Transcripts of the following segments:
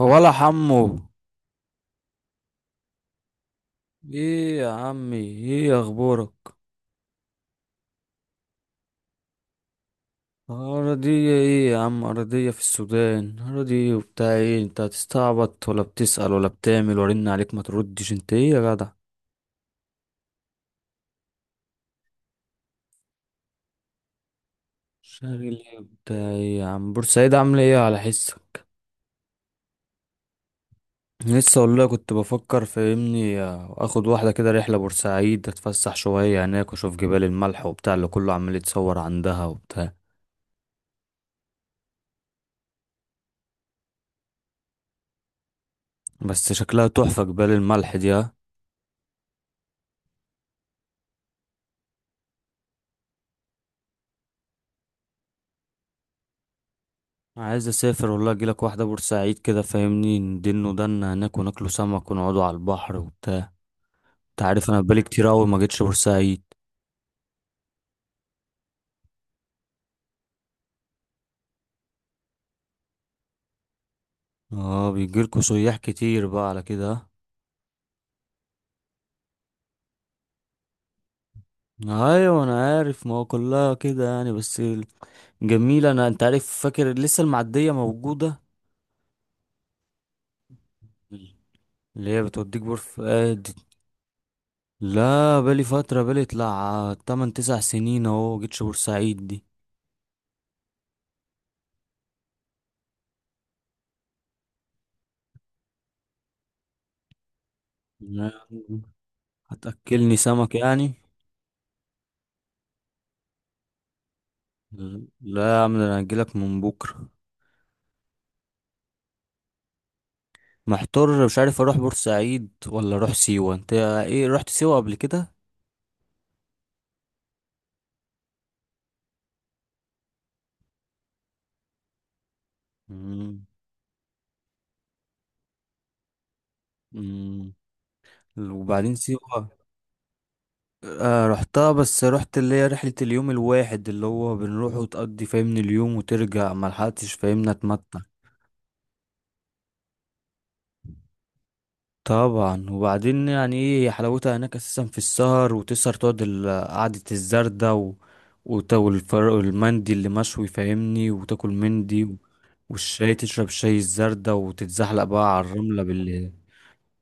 هو ولا حمو ايه يا عمي، ايه اخبارك؟ ارضية ايه يا عم؟ ارضية في السودان؟ ارضية وبتاع ايه؟ انت هتستعبط ولا بتسأل؟ ولا بتعمل؟ ورن عليك ما تردش، انت ايه يا جدع؟ شاغل ايه بتاع ايه يا عم؟ بورسعيد عاملة ايه على حسك؟ لسه والله كنت بفكر فاهمني اخد واحدة كده رحلة بورسعيد، اتفسح شوية هناك واشوف جبال الملح وبتاع اللي كله عمال يتصور عندها وبتاع. بس شكلها تحفة جبال الملح دي، ها؟ عايز اسافر والله اجيلك واحده بورسعيد كده فاهمني، ندين ودنا هناك وناكلوا سمك ونقعدوا على البحر وبتاع. انت عارف انا بقالي كتير اوي ما جيتش بورسعيد. اه بيجيلكوا سياح كتير بقى على كده؟ ها؟ ايوه انا عارف، ما هو كلها كده يعني بس جميله. انا انت عارف فاكر لسه المعديه موجوده اللي هي بتوديك بور فؤاد. لا بالي طلع 8 9 سنين اهو ما جيتش بورسعيد دي. لا، هتاكلني سمك يعني؟ لا يا عم، ده انا هجيلك من بكره. محتار مش عارف اروح بورسعيد ولا اروح سيوه، انت ايه رحت سيوه قبل كده؟ مم. مم. وبعدين سيوه آه رحتها، بس رحت اللي هي رحله اليوم الواحد اللي هو بنروح وتقضي فاهمني اليوم وترجع، ملحقتش فاهمني اتمتع. طبعا، وبعدين يعني ايه هي حلاوتها هناك اساسا في السهر، وتسهر تقعد قعدة الزردة و المندي اللي مشوي فاهمني وتاكل مندي، و... والشاي تشرب شاي الزردة وتتزحلق بقى على الرملة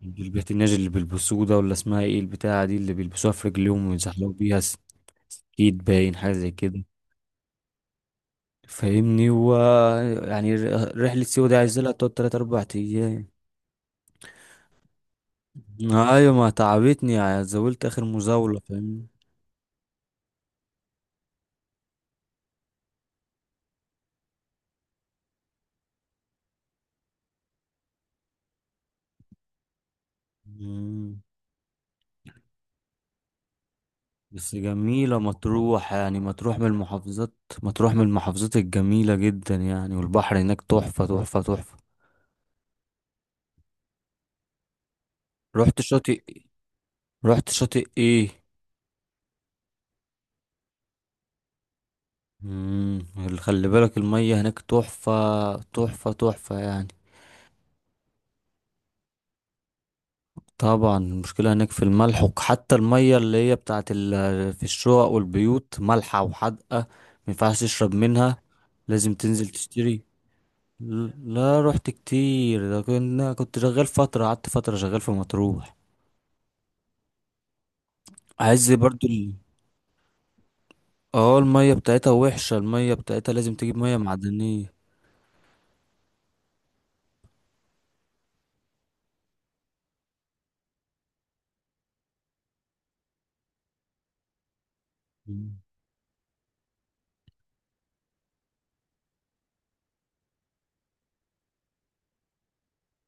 بالبتناج اللي بيلبسوه ده، ولا اسمها ايه البتاعة دي اللي بيلبسوها في رجليهم ويزحلقوا بيها سكيت باين حاجة زي كده. فاهمني. يعني رحلة سيوة دي عايزة لها تقعد تلات أربع أيام. ايوه، ما تعبتني يعني، زولت آخر مزاولة فاهمني. مم. بس جميلة مطروح، يعني مطروح من المحافظات. مطروح من المحافظات الجميلة جدا يعني، والبحر هناك تحفة تحفة تحفة. رحت شاطئ رحت شاطئ ايه؟ مم. اللي خلي بالك المية هناك تحفة تحفة تحفة يعني. طبعا، المشكلة هناك في الملح، وحتى المية اللي هي بتاعت ال... في الشقق والبيوت مالحة وحادقة، مينفعش تشرب منها، لازم تنزل تشتري. لا رحت كتير ده كنا كنت شغال فترة قعدت فترة شغال في مطروح. عايز برضو ال... اه المية بتاعتها وحشة، المية بتاعتها لازم تجيب مية معدنية. مم.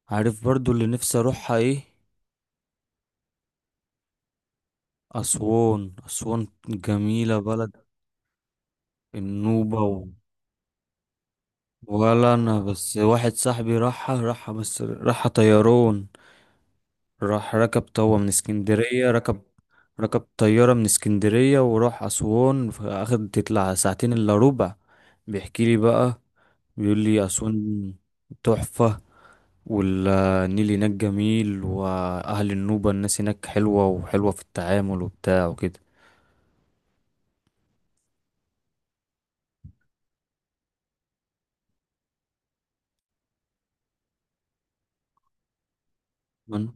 عارف برضو اللي نفسي اروحها ايه؟ اسوان. اسوان جميلة، بلد النوبة، و... ولا انا، بس واحد صاحبي راحها طيران. راح ركب طوة من اسكندرية ركب ركب طيارة من اسكندرية وراح أسوان، أخد تطلع ساعتين إلا ربع. بيحكي لي بقى، بيقول لي أسوان تحفة، والنيل هناك جميل، وأهل النوبة الناس هناك حلوة وحلوة في التعامل وبتاع وكده. ما أنا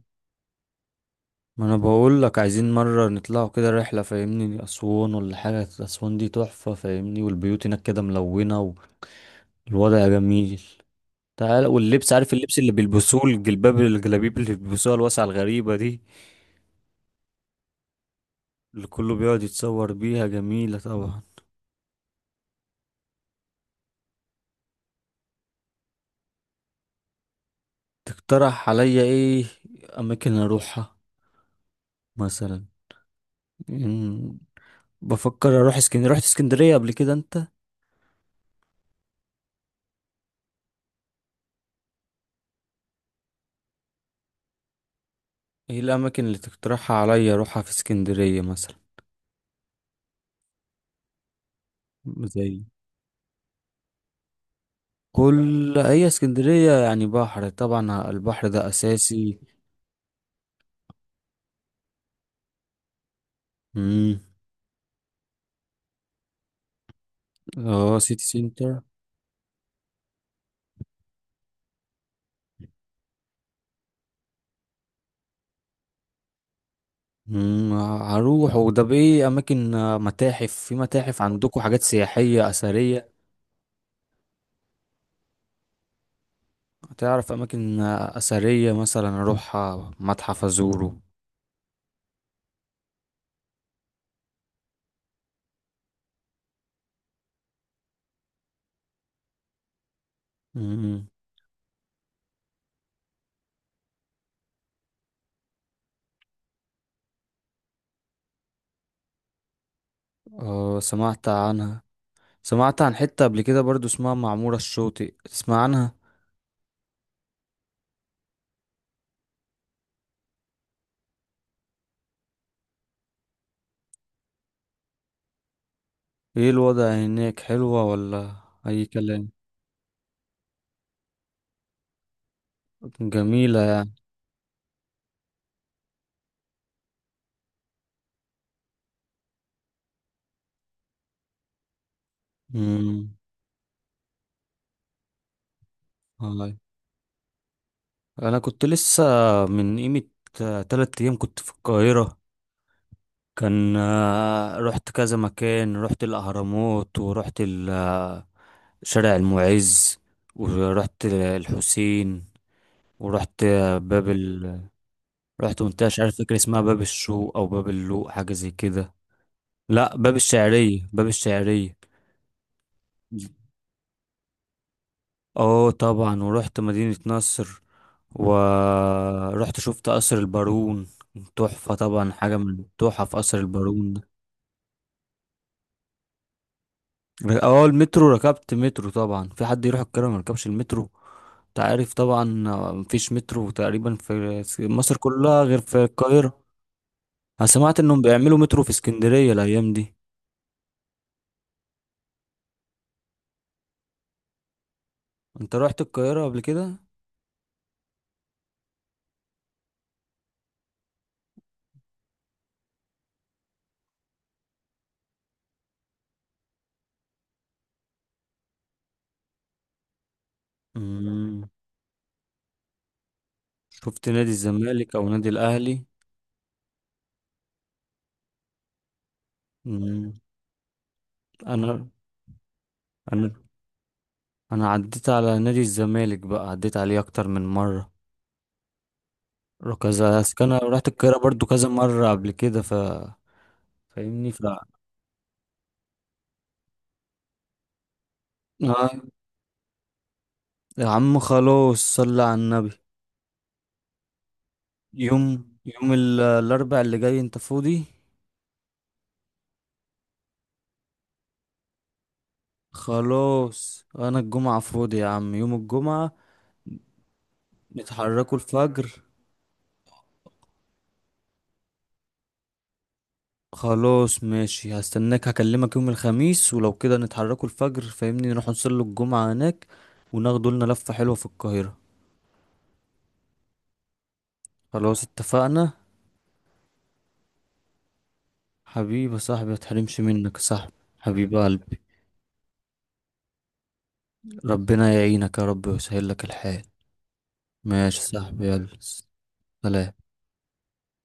ما أنا بقول لك عايزين مرة نطلعوا كده رحلة فاهمني أسوان ولا حاجة. أسوان دي تحفة فاهمني، والبيوت هناك كده ملونة، والوضع جميل. تعال، واللبس عارف اللبس اللي بيلبسوه، الجلباب الجلابيب اللي بيلبسوها الواسعة الغريبة دي اللي كله بيقعد يتصور بيها، جميلة طبعا. تقترح عليا ايه اماكن اروحها مثلا؟ مم، بفكر اروح اسكندرية، رحت اسكندرية قبل كده انت؟ ايه الاماكن اللي تقترحها عليا اروحها في اسكندرية مثلا؟ زي، كل هي اسكندرية يعني بحر، طبعا البحر ده اساسي. امم. اه سيتي سنتر. امم. هروح، وده بايه اماكن متاحف؟ في متاحف عندكم؟ حاجات سياحية اثرية؟ تعرف اماكن اثرية مثلا اروح متحف ازوره؟ امم. اه سمعت عنها. سمعت عن حتة قبل كده برضو اسمها معمورة الشاطئ، تسمع عنها؟ ايه الوضع هناك، حلوة ولا اي كلام؟ جميلة. امم. والله انا كنت لسه من قيمة تلات ايام كنت في القاهرة. كان رحت كذا مكان، رحت الأهرامات، ورحت شارع المعز، ورحت الحسين، ورحت باب ال... رحت منطقة مش عارف فاكر اسمها باب الشوق أو باب اللوق، حاجة زي كده. لا، باب الشعرية، باب الشعرية. اه طبعا، ورحت مدينة نصر، ورحت شفت قصر البارون. تحفة طبعا، حاجة من تحف قصر البارون. اه المترو، ركبت مترو طبعا، في حد يروح القاهرة ما ركبش المترو؟ انت عارف طبعا، مفيش مترو تقريبا في مصر كلها غير في القاهرة. انا سمعت انهم بيعملوا مترو في اسكندرية الايام دي. انت رحت القاهرة قبل كده؟ امم. شفت نادي الزمالك او نادي الاهلي؟ امم. انا انا انا عديت على نادي الزمالك بقى، عديت عليه اكتر من مرة كذا. انا رحت القاهرة برضو كذا مرة قبل كده، ف فاهمني ف آه. يا عم خلاص صلي على النبي. يوم الاربع اللي جاي انت فاضي؟ خلاص انا الجمعة فاضي يا عم، يوم الجمعة نتحركوا الفجر. خلاص ماشي، هستناك، هكلمك يوم الخميس ولو كده نتحركوا الفجر فاهمني نروح نصلي الجمعة هناك، وناخدوا لنا لفة حلوة في القاهرة. خلاص اتفقنا. حبيبي يا صاحبي، متحرمش منك يا صاحبي. حبيب قلبي، ربنا يعينك يا رب ويسهل لك الحال. ماشي يا صاحبي، يلا. سلام.